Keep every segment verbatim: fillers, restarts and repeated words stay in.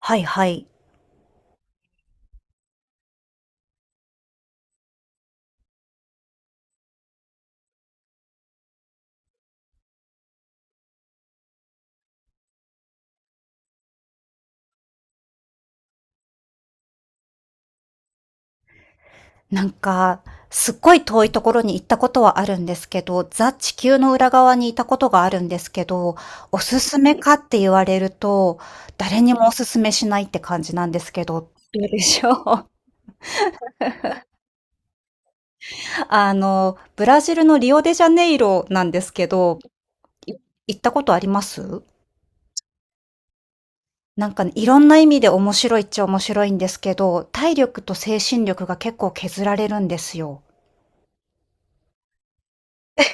はいはい。なんか、すっごい遠いところに行ったことはあるんですけど、ザ・地球の裏側にいたことがあるんですけど、おすすめかって言われると、誰にもおすすめしないって感じなんですけど、どうでしょう？あの、ブラジルのリオデジャネイロなんですけど、い行ったことあります？なんかね、いろんな意味で面白いっちゃ面白いんですけど、体力と精神力が結構削られるんですよ。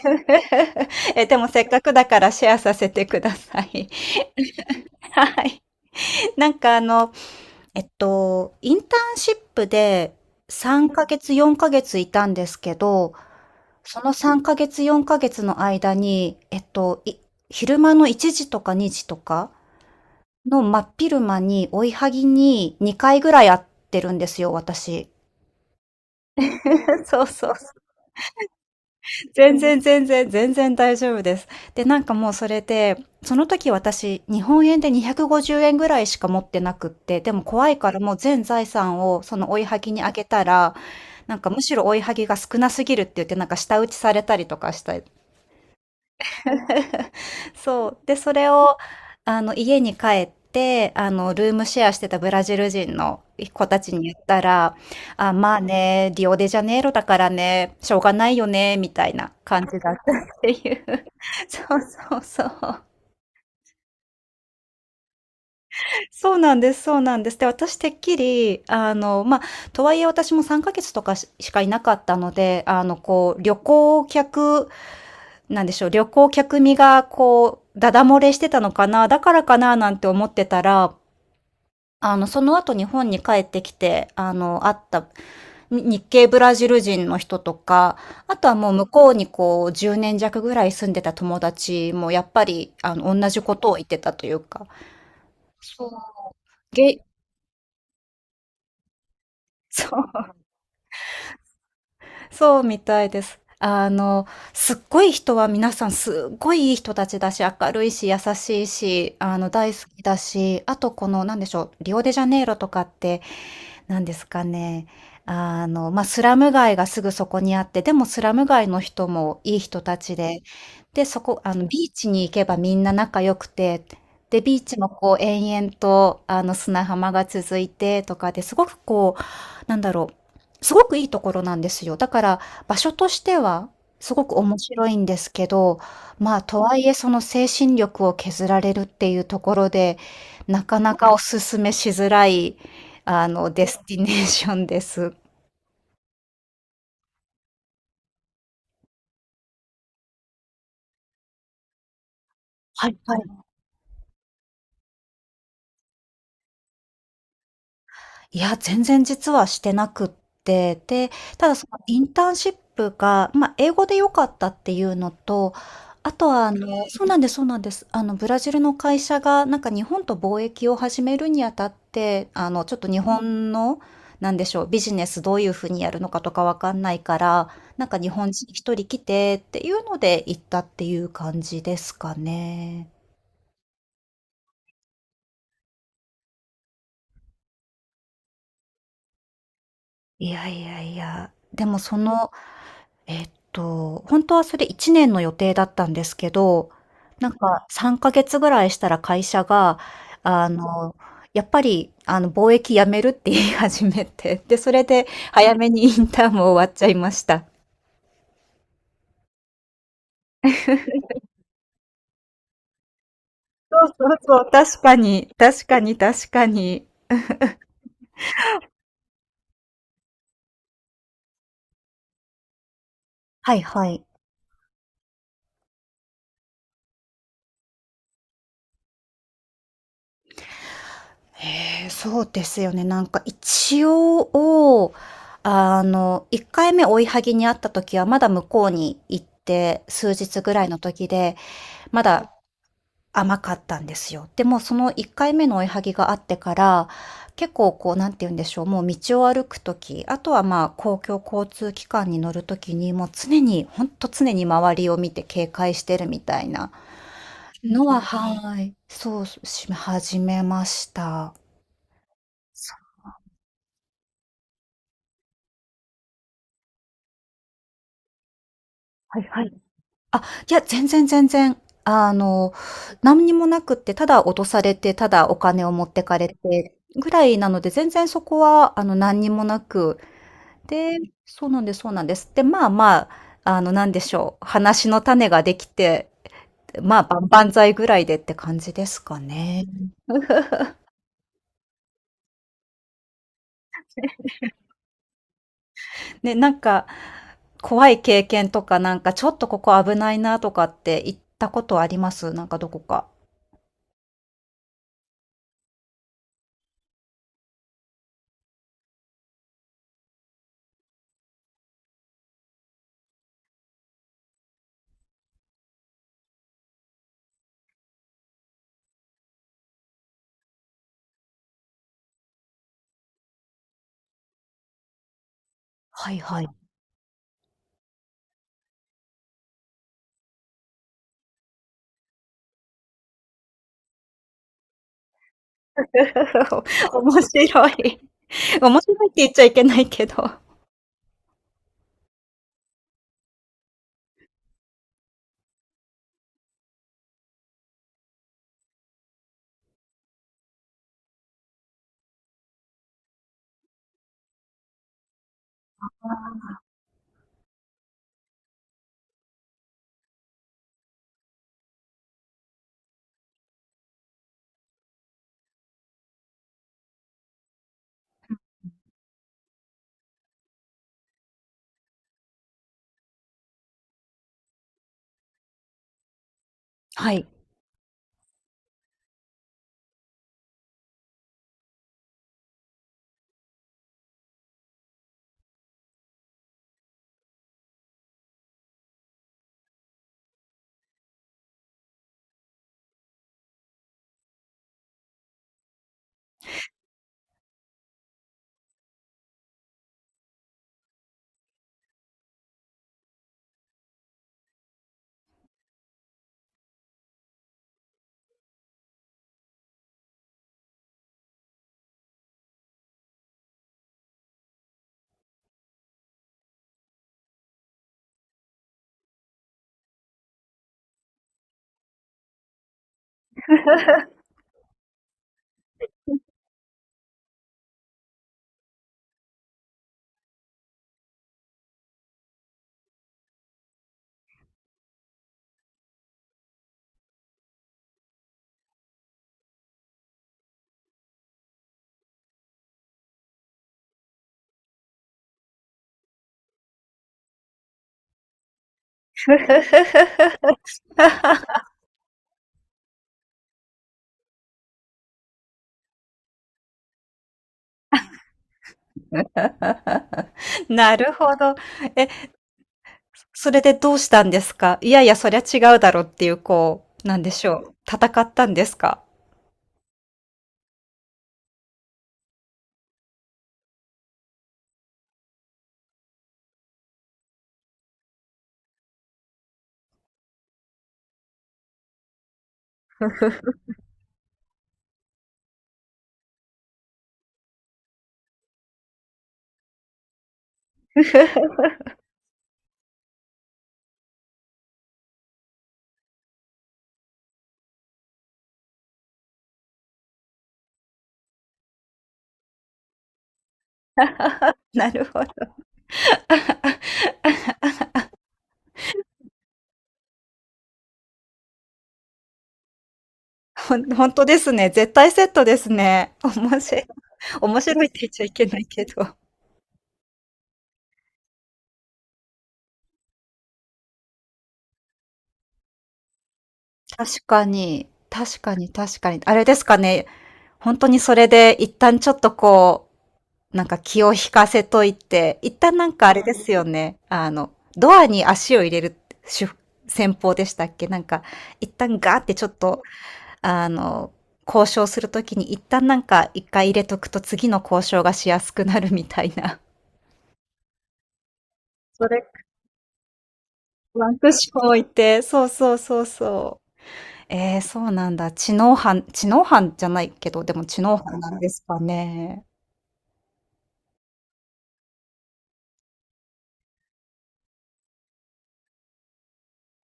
え、でもせっかくだからシェアさせてください。はい。なんかあの、えっと、インターンシップでさんかげつ、よんかげついたんですけど、そのさんかげつ、よんかげつの間に、えっと、い昼間のいちじとかにじとかの真っ昼間に追いはぎににかいぐらい会ってるんですよ、私。そうそう、全然全然全然大丈夫です。で、なんかもうそれで、その時私、日本円でにひゃくごじゅうえんぐらいしか持ってなくって、でも怖いからもう全財産をその追いはぎにあげたら、なんかむしろ追いはぎが少なすぎるって言って、なんか舌打ちされたりとかした そう。で、それを、あの、家に帰って、あの、ルームシェアしてたブラジル人の子たちに言ったら、あ、まあね、リオデジャネイロだからね、しょうがないよね、みたいな感じだったっていう。そうそうそう。そうなんです、そうなんです。で、私てっきり、あの、まあ、とはいえ私もさんかげつとかししかいなかったので、あの、こう、旅行客、なんでしょう、旅行客身が、こう、ダダ漏れしてたのかな、だからかな、なんて思ってたら、あの、その後日本に帰ってきて、あの、会ったに日系ブラジル人の人とか、あとはもう向こうにこう、じゅうねん弱ぐらい住んでた友達も、やっぱり、あの、同じことを言ってたというか、げそう。そうみたいです。あの、すっごい人は皆さんすっごいいい人たちだし、明るいし、優しいし、あの、大好きだし、あとこの、なんでしょう、リオデジャネイロとかってなんですかね、あの、ま、あスラム街がすぐそこにあって、でもスラム街の人もいい人たちで、で、そこあの、ビーチに行けばみんな仲良くて、で、ビーチもこう延々と、あの、砂浜が続いてとかで、すごくこう、なんだろう、すごくいいところなんですよ。だから、場所としてはすごく面白いんですけど、まあ、とはいえその精神力を削られるっていうところで、なかなかお勧めしづらいあの、デスティネーションです。はいはい。いや、全然実はしてなくって、で、ただそのインターンシップが、ま、英語で良かったっていうのと、あとはあのそうなんですそうなんです。あのブラジルの会社がなんか日本と貿易を始めるにあたって、あのちょっと日本の、なんでしょう、ビジネスどういう風にやるのかとかわかんないから、なんか日本人一人来てっていうので行ったっていう感じですかね。いやいやいや、でもその、えっと、本当はそれいちねんの予定だったんですけど、なんかさんかげつぐらいしたら会社が、あの、やっぱり、あの、貿易やめるって言い始めて、で、それで早めにインターンも終わっちゃいました。そうそうそう、確かに、確かに確かに。はいはい。へえ、そうですよね。なんか一応、あの、いっかいめ追いはぎにあった時はまだ向こうに行って数日ぐらいの時で、まだ甘かったんですよ。でもそのいっかいめの追いはぎがあってから、結構こう、なんて言うんでしょう、もう道を歩く時、あとはまあ、公共交通機関に乗る時に、もう常に、ほんと常に周りを見て警戒してるみたいなのは、はい、そう、し始めました。あ、いや、全然全然。あの、何にもなくって、ただ落とされて、ただお金を持ってかれてぐらいなので、全然そこは、あの、何にもなく、でそうなんですそうなんです。で、まあまあ、あの、なんでしょう、話の種ができて、まあ、万々歳ぐらいでって感じですかね。ね、なんか、怖い経験とか、なんか、ちょっとここ危ないなとかって行ったことあります？なんかどこか。はいはい。面白い。なんか面白いって言っちゃいけないけど。はい。なるほど。え、それでどうしたんですか？いやいや、そりゃ違うだろうっていう、こう、なんでしょう。戦ったんですか なるほど。ほん、本当ですね。絶対セットですね。面白い。面白いって言っちゃいけないけど。確かに。確かに、確かに。あれですかね。本当にそれで一旦ちょっとこう、なんか気を引かせといて、一旦なんかあれですよね。あの、ドアに足を入れる手戦法でしたっけなんか、一旦ガーってちょっと、あの、交渉するときに一旦なんかいっかいいれとくと次の交渉がしやすくなるみたいな。それ、ワンクッション置いて、そうそうそうそう。えー、そうなんだ。知能犯、知能犯じゃないけど、でも知能犯なんですかね。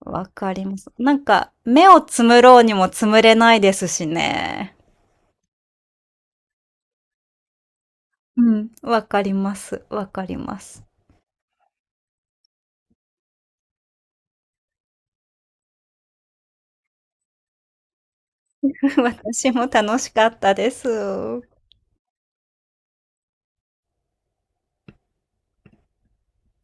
わかります。なんか、目をつむろうにもつむれないですしね。うん、わかりますわかります。私も楽しかったです。